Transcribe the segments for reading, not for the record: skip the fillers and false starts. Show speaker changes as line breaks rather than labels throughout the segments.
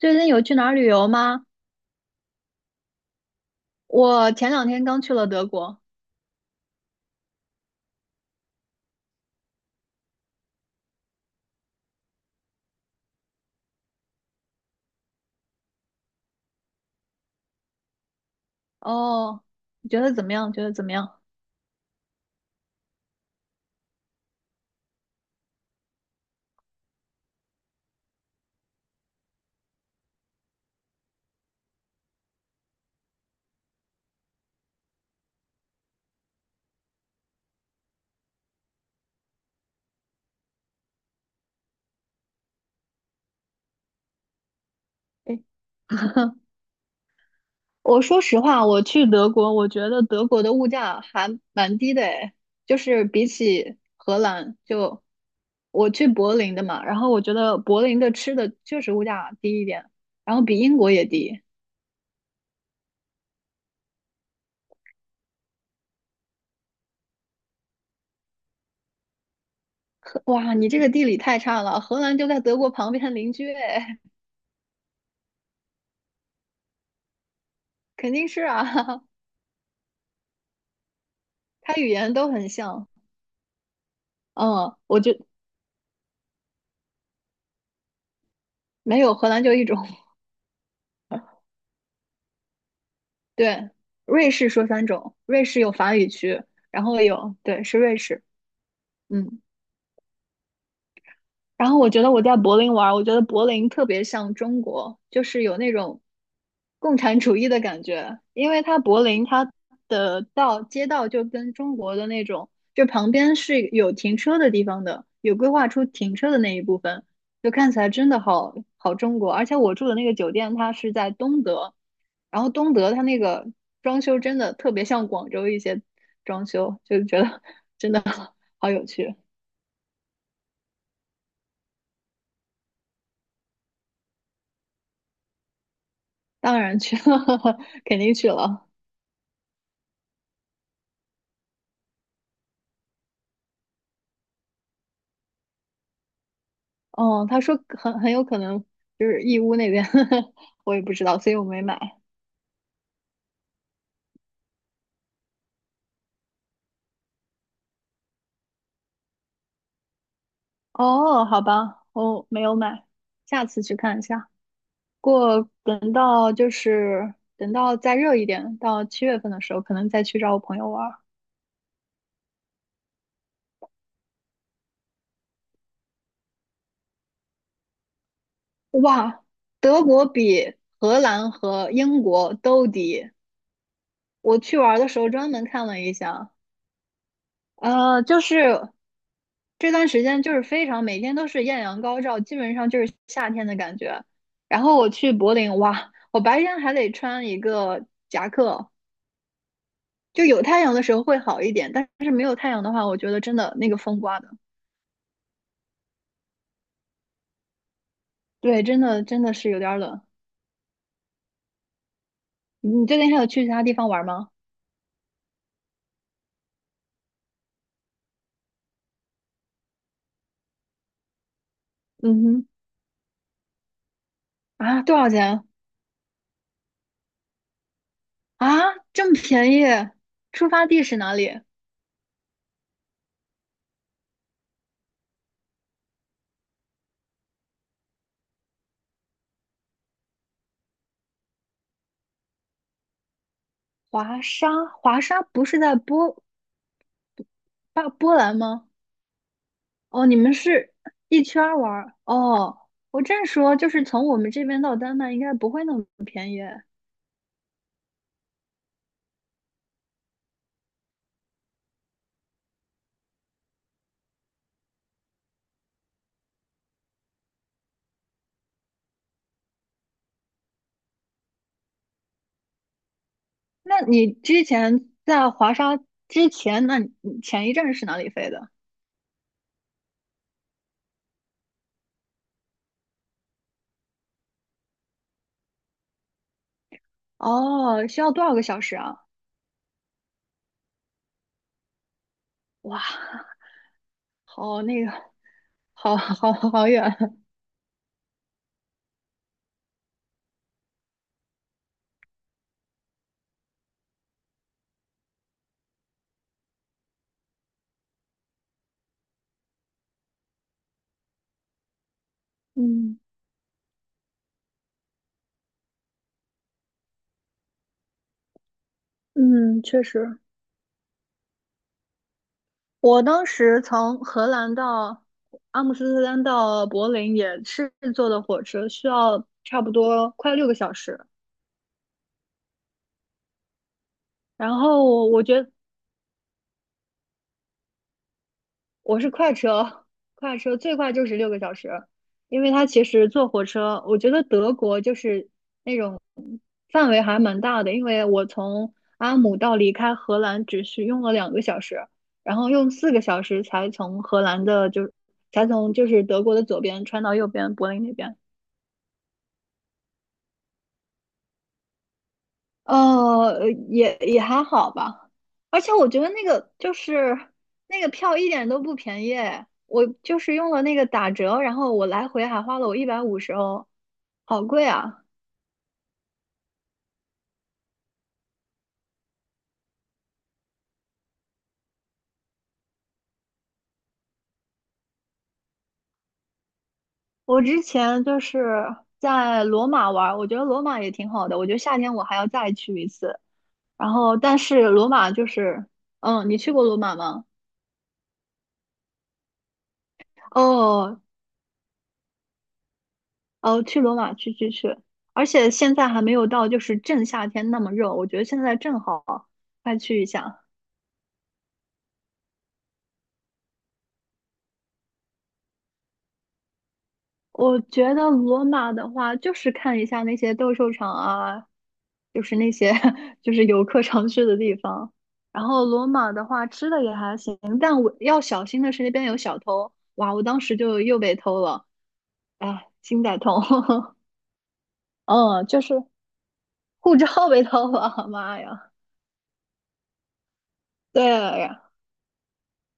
最近有去哪儿旅游吗？我前两天刚去了德国。哦，你觉得怎么样？诶，我说实话，我去德国，我觉得德国的物价还蛮低的，诶，就是比起荷兰，就我去柏林的嘛，然后我觉得柏林的吃的确实物价低一点，然后比英国也低。哇，你这个地理太差了，荷兰就在德国旁边邻居，诶，肯定是啊，它语言都很像。嗯，我就没有荷兰就一种。对，瑞士说三种，瑞士有法语区，然后有，对，是瑞士，嗯。然后我觉得我在柏林玩儿，我觉得柏林特别像中国，就是有那种共产主义的感觉，因为它柏林它的街道就跟中国的那种，就旁边是有停车的地方的，有规划出停车的那一部分，就看起来真的好好中国。而且我住的那个酒店它是在东德，然后东德它那个装修真的特别像广州一些装修，就觉得 真的好有趣。当然去了，肯定去了。哦，他说很有可能就是义乌那边，我也不知道，所以我没买。哦，好吧，我没有买，下次去看一下。不过等到再热一点，到7月份的时候，可能再去找我朋友玩儿。哇，德国比荷兰和英国都低。我去玩儿的时候专门看了一下，就是这段时间就是非常每天都是艳阳高照，基本上就是夏天的感觉。然后我去柏林，哇，我白天还得穿一个夹克，就有太阳的时候会好一点，但是没有太阳的话，我觉得真的那个风刮的，对，真的真的是有点冷。你最近还有去其他地方玩吗？嗯哼，啊，多少钱？啊，这么便宜？出发地是哪里？华沙，华沙不是在波兰吗？哦，你们是一圈儿玩儿哦。我正说，就是从我们这边到丹麦应该不会那么便宜。那你在华沙之前，那你前一站是哪里飞的？哦，需要多少个小时啊？哇，好那个，好好好远。嗯嗯，确实，我当时从荷兰到阿姆斯特丹到柏林也是坐的火车，需要差不多快六个小时。然后我觉得我是快车，快车最快就是六个小时，因为它其实坐火车，我觉得德国就是范围还蛮大的，因为我从阿姆到离开荷兰只需用了2个小时，然后用4个小时才从荷兰的就才从就是德国的左边穿到右边柏林那边。也还好吧，而且我觉得那个票一点都不便宜，我就是用了那个打折，然后我来回还花了我150欧，好贵啊！我之前就是在罗马玩儿，我觉得罗马也挺好的，我觉得夏天我还要再去一次。然后，但是罗马就是，嗯，你去过罗马吗？哦，哦，去罗马去去去，而且现在还没有到就是正夏天那么热，我觉得现在正好，快去一下。我觉得罗马的话，就是看一下那些斗兽场啊，就是那些 就是游客常去的地方。然后罗马的话，吃的也还行，但我要小心的是那边有小偷，哇，我当时就又被偷了，哎，心在痛。嗯，就是护照被偷了，妈呀！对，呀。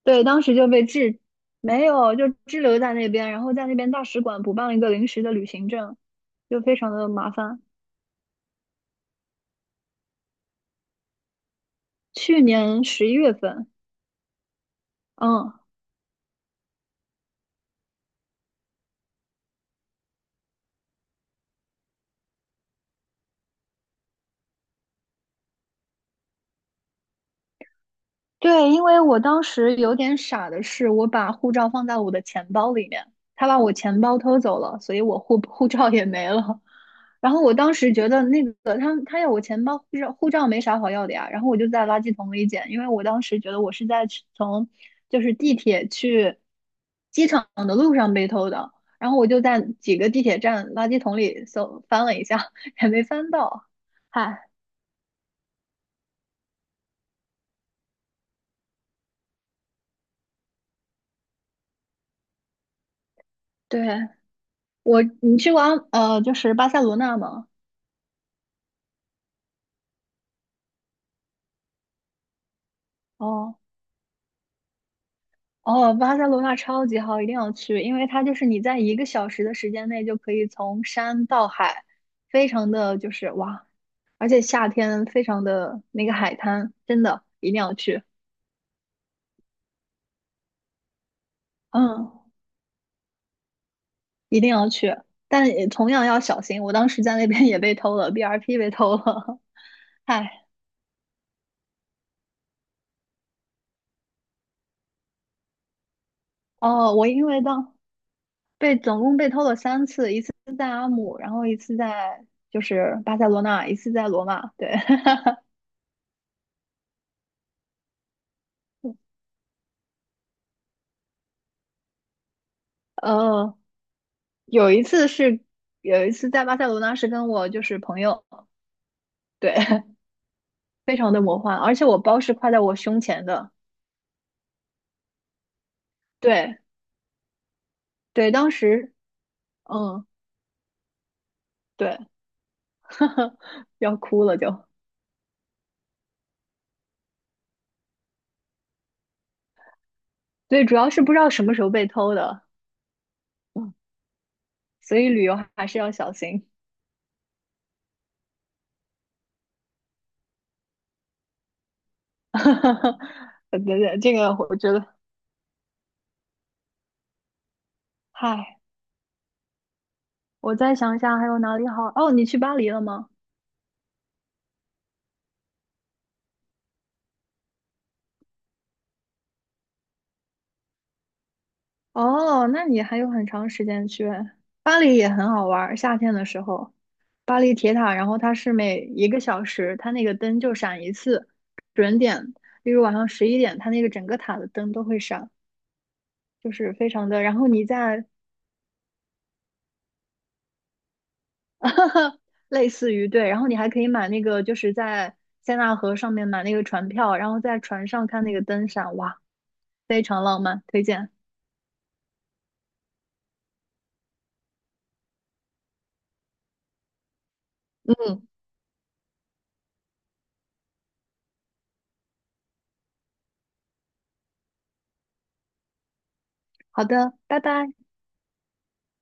对，当时就被滞，没有，就滞留在那边，然后在那边大使馆补办了一个临时的旅行证，就非常的麻烦。去年11月份，嗯，对，因为我当时有点傻的是，我把护照放在我的钱包里面，他把我钱包偷走了，所以我护 护照也没了。然后我当时觉得那个他要我钱包护照没啥好要的呀，然后我就在垃圾桶里捡，因为我当时觉得我是从地铁去机场的路上被偷的，然后我就在几个地铁站垃圾桶里搜翻了一下，也没翻到。嗨，对，我，你去过阿呃就是巴塞罗那吗？哦哦，巴塞罗那超级好，一定要去，因为它就是你在一个小时的时间内就可以从山到海，非常的就是哇，而且夏天非常的那个海滩，真的一定要去，嗯，一定要去，但也同样要小心，我当时在那边也被偷了 BRP 被偷了，唉，哦，我因为当被总共被偷了3次，一次在阿姆，然后一次在巴塞罗那，一次在罗马，对。呃，有一次是有一次在巴塞罗那是跟我朋友，对，非常的魔幻，而且我包是挎在我胸前的，对对，当时嗯对，要哭了就，对，主要是不知道什么时候被偷的，嗯，所以旅游还是要小心，对对，这个我觉得，嗨，我再想想还有哪里好，哦，你去巴黎了吗？哦，那你还有很长时间去，巴黎也很好玩儿，夏天的时候。巴黎铁塔，然后它是每一个小时，它那个灯就闪一次，准点，例如晚上11点，它那个整个塔的灯都会闪，就是非常的。然后你在 类似于对，然后你还可以买那个，就是在塞纳河上面买那个船票，然后在船上看那个灯闪，哇，非常浪漫，推荐。好的，拜拜。